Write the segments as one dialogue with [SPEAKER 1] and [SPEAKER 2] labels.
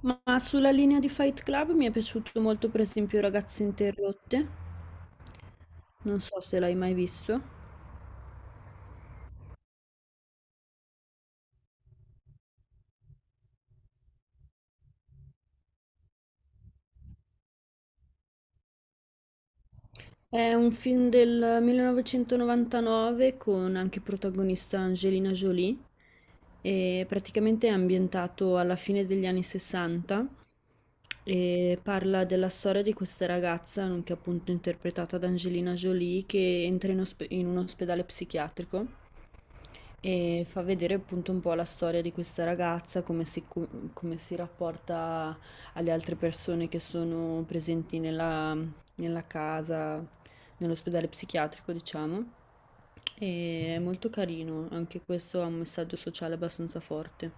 [SPEAKER 1] Ma sulla linea di Fight Club mi è piaciuto molto, per esempio, Ragazze Interrotte, non so se l'hai mai visto. È un film del 1999 con anche protagonista Angelina Jolie e praticamente è ambientato alla fine degli anni 60 e parla della storia di questa ragazza, che è appunto interpretata da Angelina Jolie, che entra in un ospedale psichiatrico e fa vedere appunto un po' la storia di questa ragazza, come si rapporta alle altre persone che sono presenti nella casa, nell'ospedale psichiatrico, diciamo. E è molto carino, anche questo ha un messaggio sociale abbastanza forte.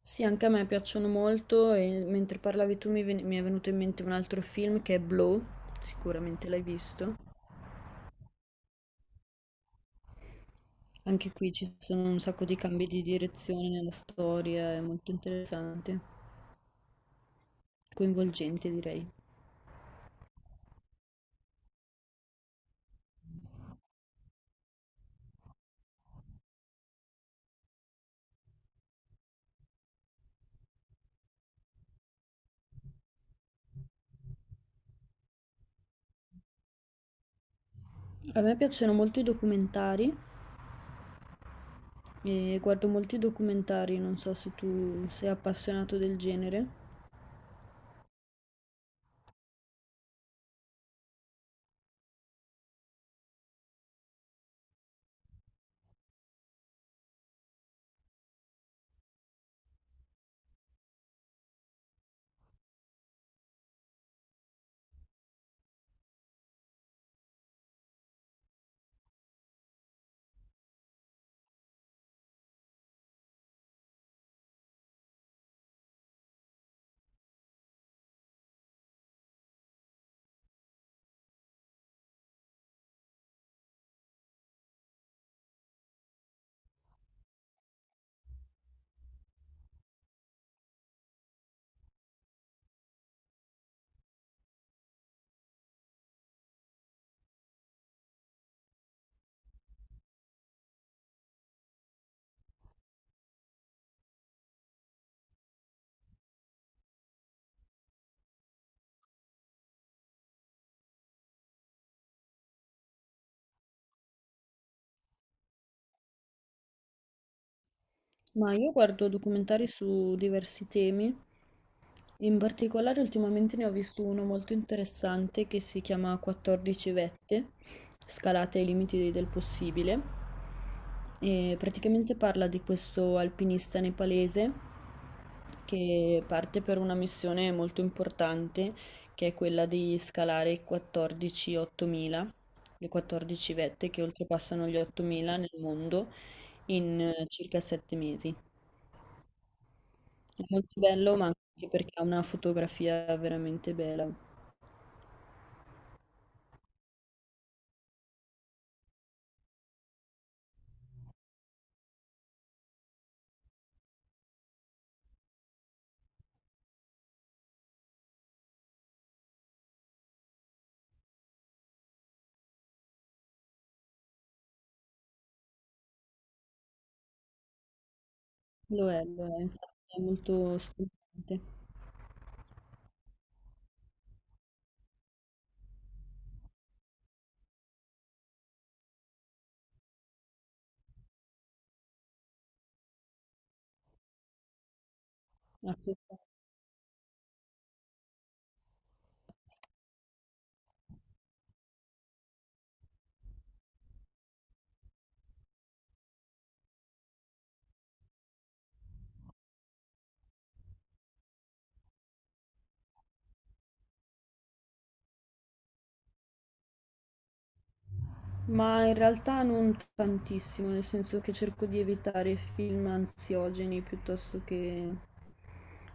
[SPEAKER 1] Sì, anche a me piacciono molto e mentre parlavi tu mi è venuto in mente un altro film che è Blow, sicuramente l'hai visto. Anche qui ci sono un sacco di cambi di direzione nella storia, è molto interessante, coinvolgente direi. A me piacciono molto i documentari e guardo molti documentari, non so se tu sei appassionato del genere. Ma io guardo documentari su diversi temi, in particolare ultimamente ne ho visto uno molto interessante che si chiama 14 vette, scalate ai limiti del possibile, e praticamente parla di questo alpinista nepalese che parte per una missione molto importante che è quella di scalare i 14 8000, le 14 vette che oltrepassano gli 8000 nel mondo in circa 7 mesi. È molto bello, ma anche perché ha una fotografia veramente bella. Lo è, infatti è molto stimolante. Assolutamente. Ma in realtà non tantissimo, nel senso che cerco di evitare film ansiogeni piuttosto che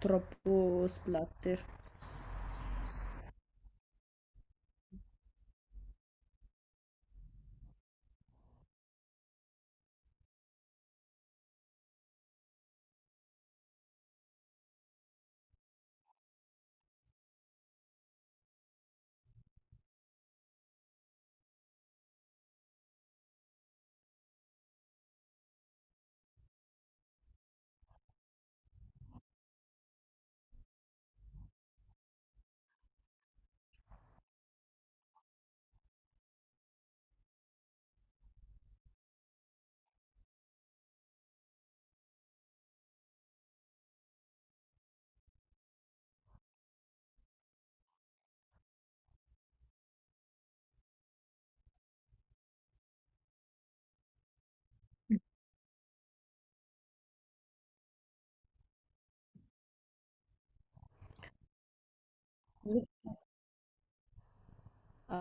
[SPEAKER 1] troppo splatter.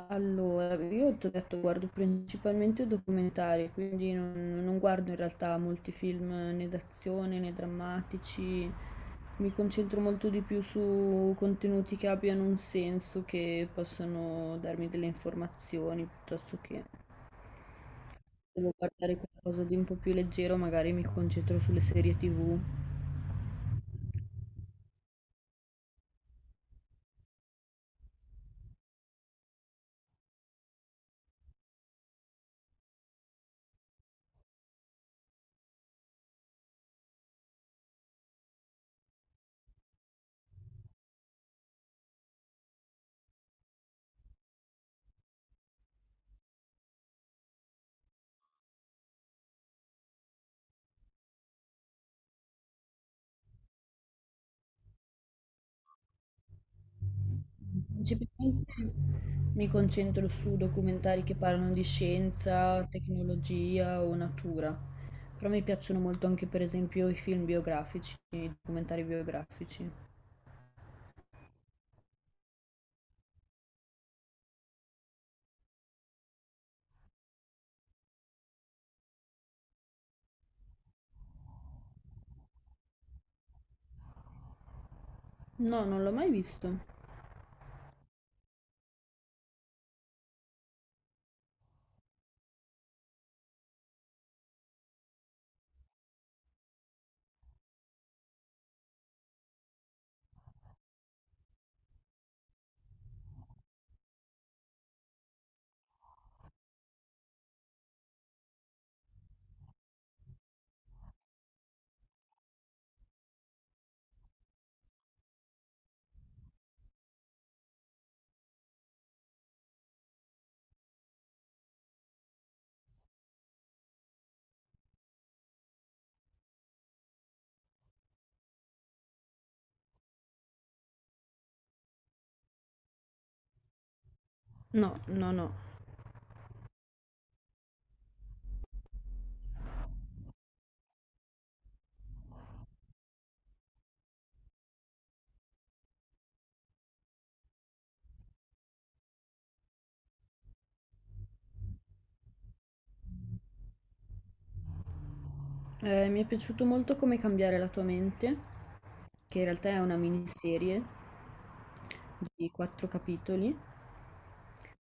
[SPEAKER 1] Allora, io ti ho detto, guardo principalmente documentari, quindi non guardo in realtà molti film né d'azione né drammatici, mi concentro molto di più su contenuti che abbiano un senso, che possono darmi delle informazioni, piuttosto che se devo guardare qualcosa di un po' più leggero, magari mi concentro sulle serie TV. Principalmente mi concentro su documentari che parlano di scienza, tecnologia o natura. Però mi piacciono molto anche per esempio i film biografici, i documentari biografici. No, non l'ho mai visto. No, no, no. Mi è piaciuto molto Come cambiare la tua mente, che in realtà è una miniserie di quattro capitoli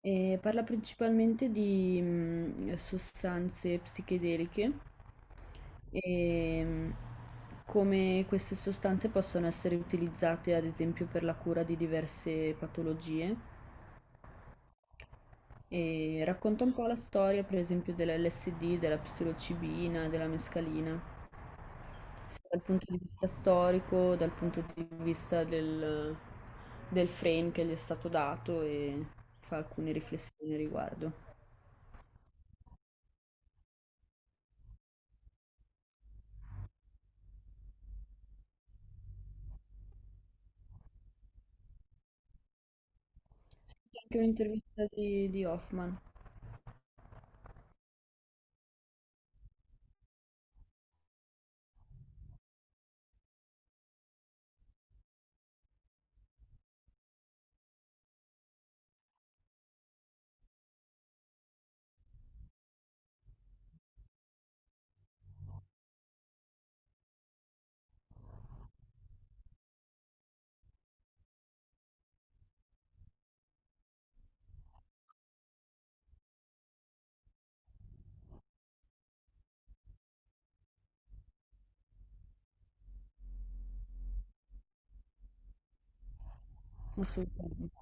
[SPEAKER 1] e parla principalmente di sostanze psichedeliche e mm, come queste sostanze possono essere utilizzate ad esempio per la cura di diverse patologie. E racconta un po' la storia, per esempio, dell'LSD, della psilocibina, della mescalina, sia dal punto di vista storico, dal punto di vista del frame che gli è stato dato e fa alcune riflessioni a riguardo. Sì, c'è anche un'intervista di Hoffman, assolutamente.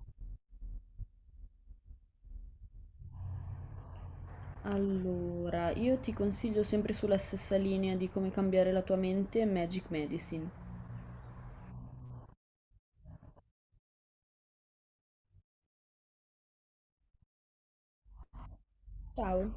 [SPEAKER 1] Allora, io ti consiglio sempre sulla stessa linea di come cambiare la tua mente, Magic Medicine. Ciao!